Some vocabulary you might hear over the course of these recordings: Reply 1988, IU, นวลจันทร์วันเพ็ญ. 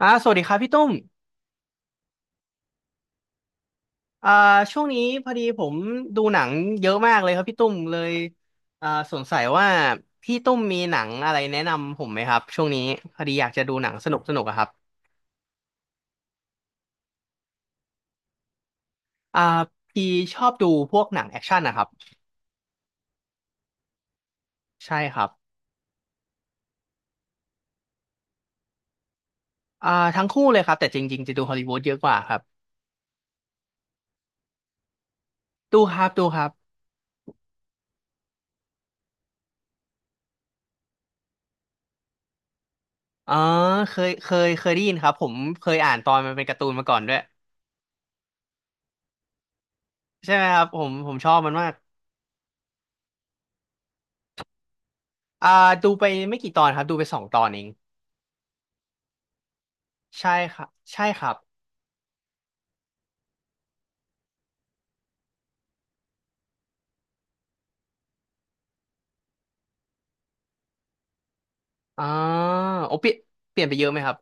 สวัสดีครับพี่ตุ้มอ่าช่วงนี้พอดีผมดูหนังเยอะมากเลยครับพี่ตุ้มเลยสงสัยว่าพี่ตุ้มมีหนังอะไรแนะนำผมไหมครับช่วงนี้พอดีอยากจะดูหนังสนุกสนุกอะครับอ่าพี่ชอบดูพวกหนังแอคชั่นนะครับใช่ครับอ่าทั้งคู่เลยครับแต่จริงๆจะดูฮอลลีวูดเยอะกว่าครับดูครับดูครับอ๋อเคยได้ยินครับผมเคยอ่านตอนมันเป็นการ์ตูนมาก่อนด้วยใช่ไหมครับผมชอบมันมากอ่าดูไปไม่กี่ตอนครับดูไป2 ตอนเอง ใช่ครับใช่ครับอ่าโอเปลี่ยนไปเยอะไหมครับ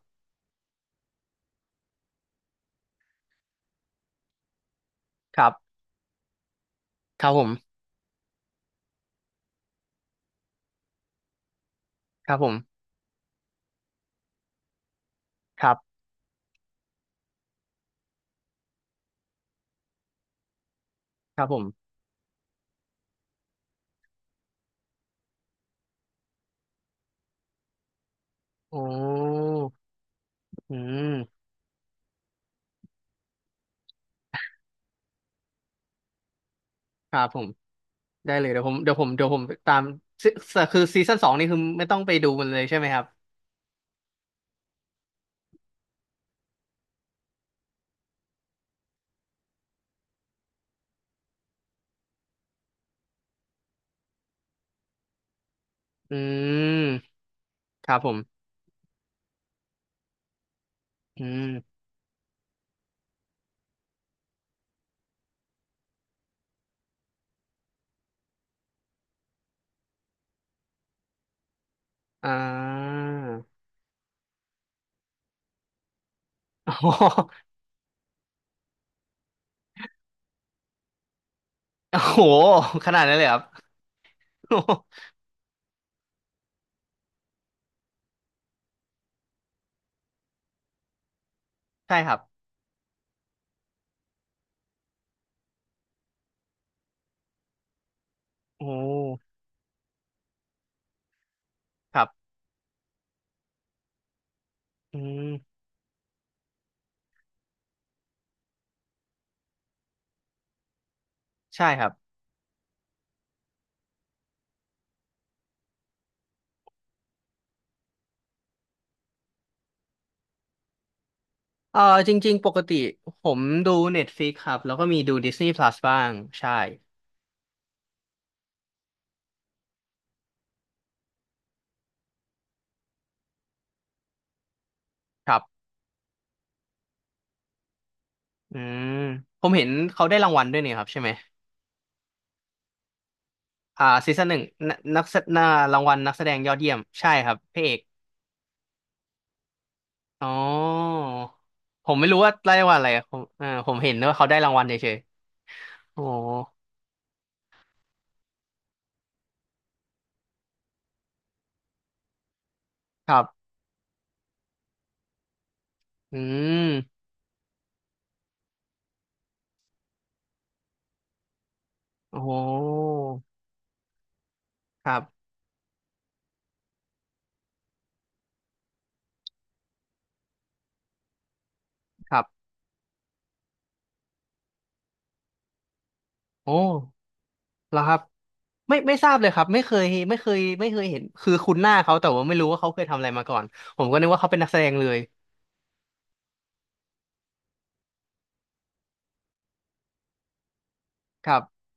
ครับครับผมครับผมครับครับผมโอ้อืมครับผมได้เลยเดี๋ยวผมเดี๋ยวผมเดี๋ยวผมตามซีคือซีซั่นสองนี่คือไม่ต้องไปดูมันเลยใช่ไหมครับอืมครับผมอืมอ่า โอ้โหโอ้โหขนาดนั้นเลยครับโอ้โห ใช่ครับโอ้โหครับอืมใช่ครับ เออจริงๆปกติผมดู Netflix ครับแล้วก็มีดู Disney Plus บ้างใช่ครับอืมผมเห็นเขาได้รางวัลด้วยเนี่ยครับใช่ไหมซีซั่นหนึ่งนนักแสนารางวัลนักแสดงยอดเยี่ยมใช่ครับพระเอกอ๋อผมไม่รู้ว่าได้รางวัลอะไรอะผมผมเห็นว่าเขาได้รางวัลเฉยๆโอ้ครับอืมโอ้ครับครับโอ้ แล้วครับไม่ทราบเลยครับไม่เคยเห็นคือคุ้นหน้าเขาแต่ว่าไม่รู้ว่าเขาเคยทำอะไรมาก่อนผมก็นึกว่าเขาเป็นนักแสดงเลยครับ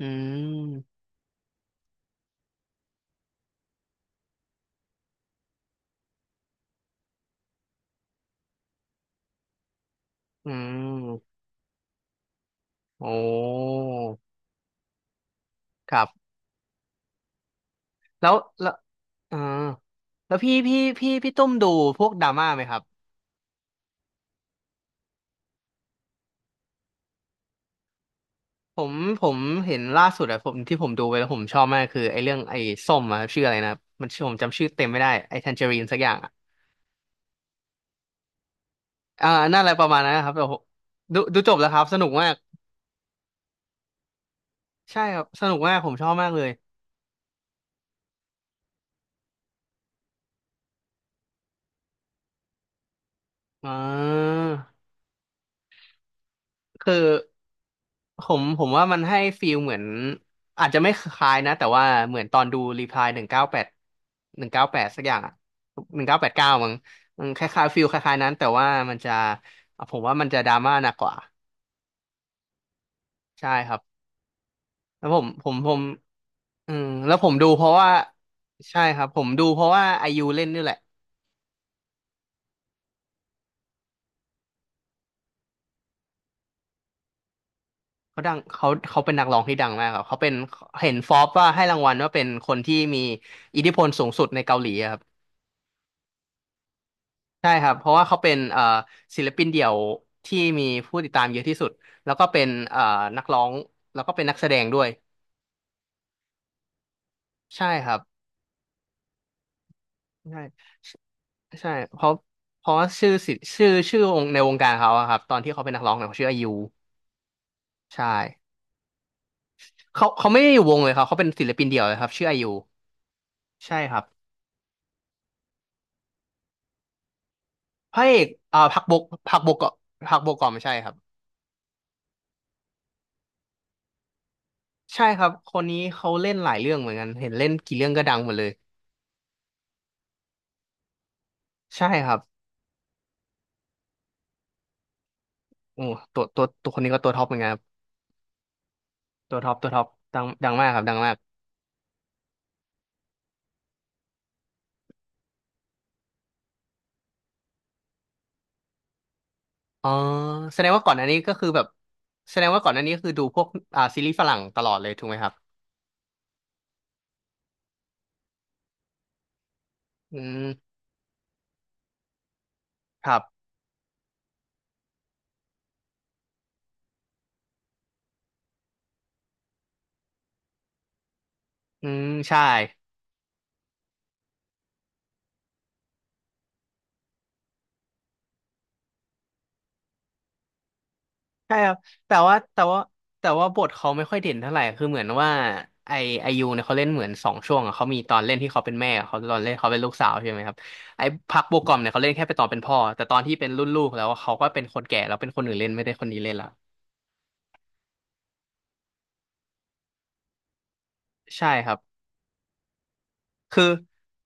อืมอืมโอ้ครับแล้วแล้วอ่าแล้วพี่ตุ้มดูพวกดราม่าไหมครับผมผมเห็นล่าสุดอะผมที่ผมดูไปแล้วผมชอบมากคือไอ้เรื่องไอ้ส้มอะครับชื่ออะไรนะมันชื่อผมจำชื่อเต็มไม่ได้ไอ้แทนเจอรีนสักอย่างอะอ่านั่นอะไรประมาณนั้นนะครับแต่ผมดูจบแล้วครับสนุกมาก ใช่ครับสนุกมากผมชอบมากเลยอ่าคือผมว่ามันให้ฟีลเหมือนอาจจะไม่คล้ายนะแต่ว่าเหมือนตอนดูรีพลายหนึ่งเก้าแปดหนึ่งเก้าแปดสักอย่างอะ1989มั้งมันคล้ายๆฟีลคล้ายๆนั้นแต่ว่ามันจะผมว่ามันจะดราม่าหนักกว่าใช่ครับแล้วผมผมผมอืมแล้วผมดูเพราะว่าใช่ครับผมดูเพราะว่าไอยูเล่นนี่แหละ เขาดังเขาเป็นนักร้องที่ดังมากครับเขาเป็นเห็นฟอร์บว่าให้รางวัลว่าเป็นคนที่มีอิทธิพลสูงสุดในเกาหลีอะครับใช่ครับเพราะว่าเขาเป็นศิลปินเดี่ยวที่มีผู้ติดตามเยอะที่สุดแล้วก็เป็นนักร้องแล้วก็เป็นนักแสดงด้วยใช่ครับใช่ใช่เพราะว่าชื่อสิชื่อชื่อวงในวงการเขาอะครับตอนที่เขาเป็นนักร้องเนี่ยเขาชื่ออายุใช่เขาไม่ได้อยู่วงเลยครับเขาเป็นศิลปินเดี่ยวเลยครับชื่ออายุใช่ครับพระเอกพักบกเกาะพักบกเกาะไม่ใช่ครับ ใช่ครับ คนนี้เขาเล่นหลายเรื่องเหมือนกัน เห็นเล่นกี่เรื่องก็ดังหมดเลยใช่ครับโอ้ตัวคนนี้ก็ตัวท็อปเหมือนกันครับตัวท็อปดังมากครับดังมากอ๋อแสดงว่าก่อนอันนี้ก็คือแบบแสดงว่าก่อนอันนี้คือดูพวกซีรีส์ฝรั่งตลอดเลยถูกไหมครับอืมครับอืมใช่ ใช่ครับแต่ว่าแต่ว่าแต่ว่าบทเขาไม่ค่อยเด่นเท่าไหร่คือเหมือนว่าไอไอยูเนี่ยเขาเล่นเหมือน2 ช่วงอะเขามีตอนเล่นที่เขาเป็นแม่เขาตอนเล่นเขาเป็นลูกสาวใช่ไหมครับไอพักโบกอมเนี่ยเขาเล่นแค่ไปตอนเป็นพ่อแต่ตอนที่เป็นรุ่นลูกแล้วเขาก็เป็นคนแก่แล้วเป็นคนอื่นเล่นไม่ได้คนนี้เล่นละใช่ครับคือ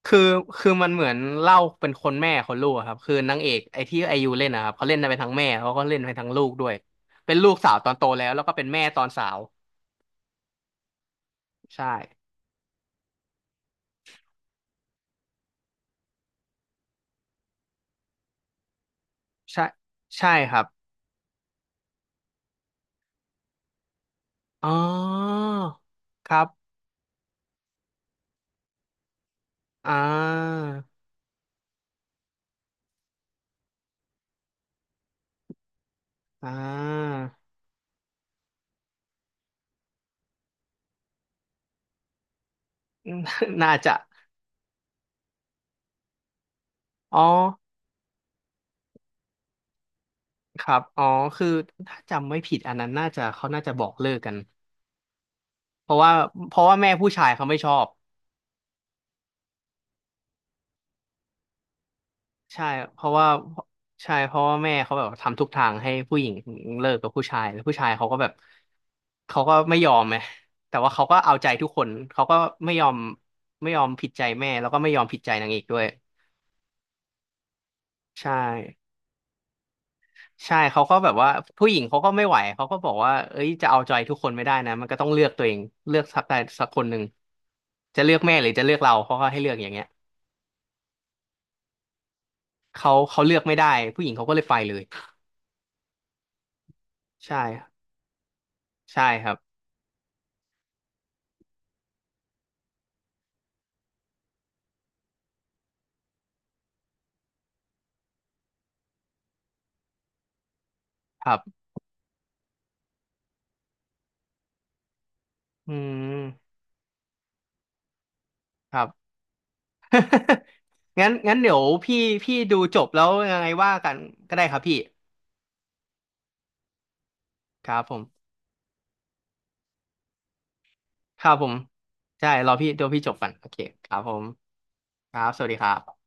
คือคือมันเหมือนเล่าเป็นคนแม่คนลูกอะครับคือนางเอกที่ไอยูเล่นนะครับเขาเล่นไปทั้งแม่เขาก็เล่นไปทั้งลูกด้วยเป็นลูกสาวตอนโตแล้วก็เป็นแม่ตอนสาวใช่ใช่ใช่ครับ อ๋อครับอ่าอ่า อืม น่าจะอ๋อครับอ๋อคือถ้าจำไม่ผิดอันนั้นน่าจะเขาน่าจะบอกเลิกกันเพราะว่าเพราะว่าแม่ผู้ชายเขาไม่ชอบใช่เพราะว่าใช่เพราะว่าแม่เขาแบบทำทุกทางให้ผู้หญิงเลิกกับผู้ชายแล้วผู้ชายเขาก็แบบเขาก็ไม่ยอมไงแต่ว่าเขาก็เอาใจทุกคนเขาก็ไม่ยอมไม่ยอมผิดใจแม่แล้วก็ไม่ยอมผิดใจนางเอกด้วยใช่ ใช่เขาก็แบบว่าผู้หญิงเขาก็ไม่ไหวเขาก็บอกว่าเอ้ยจะเอาใจทุกคนไม่ได้นะมันก็ต้องเลือกตัวเองเลือกสักใดสักคนหนึ่งจะเลือกแม่หรือจะเลือกเราเขาก็ให้เลือกอย่างเงี้ยเขาเลือกไม่ได้ผู้หญิงเขาก็เลยไปเลยใช่ใช่ครับครับอืมครับ งั้นเดี๋ยวพี่ดูจบแล้วยังไงว่ากันก็ได้ครับพี่ครับผมครับผมใช่รอพี่ดูพี่จบก่อนโอเคครับผมครับสวัสดีครับ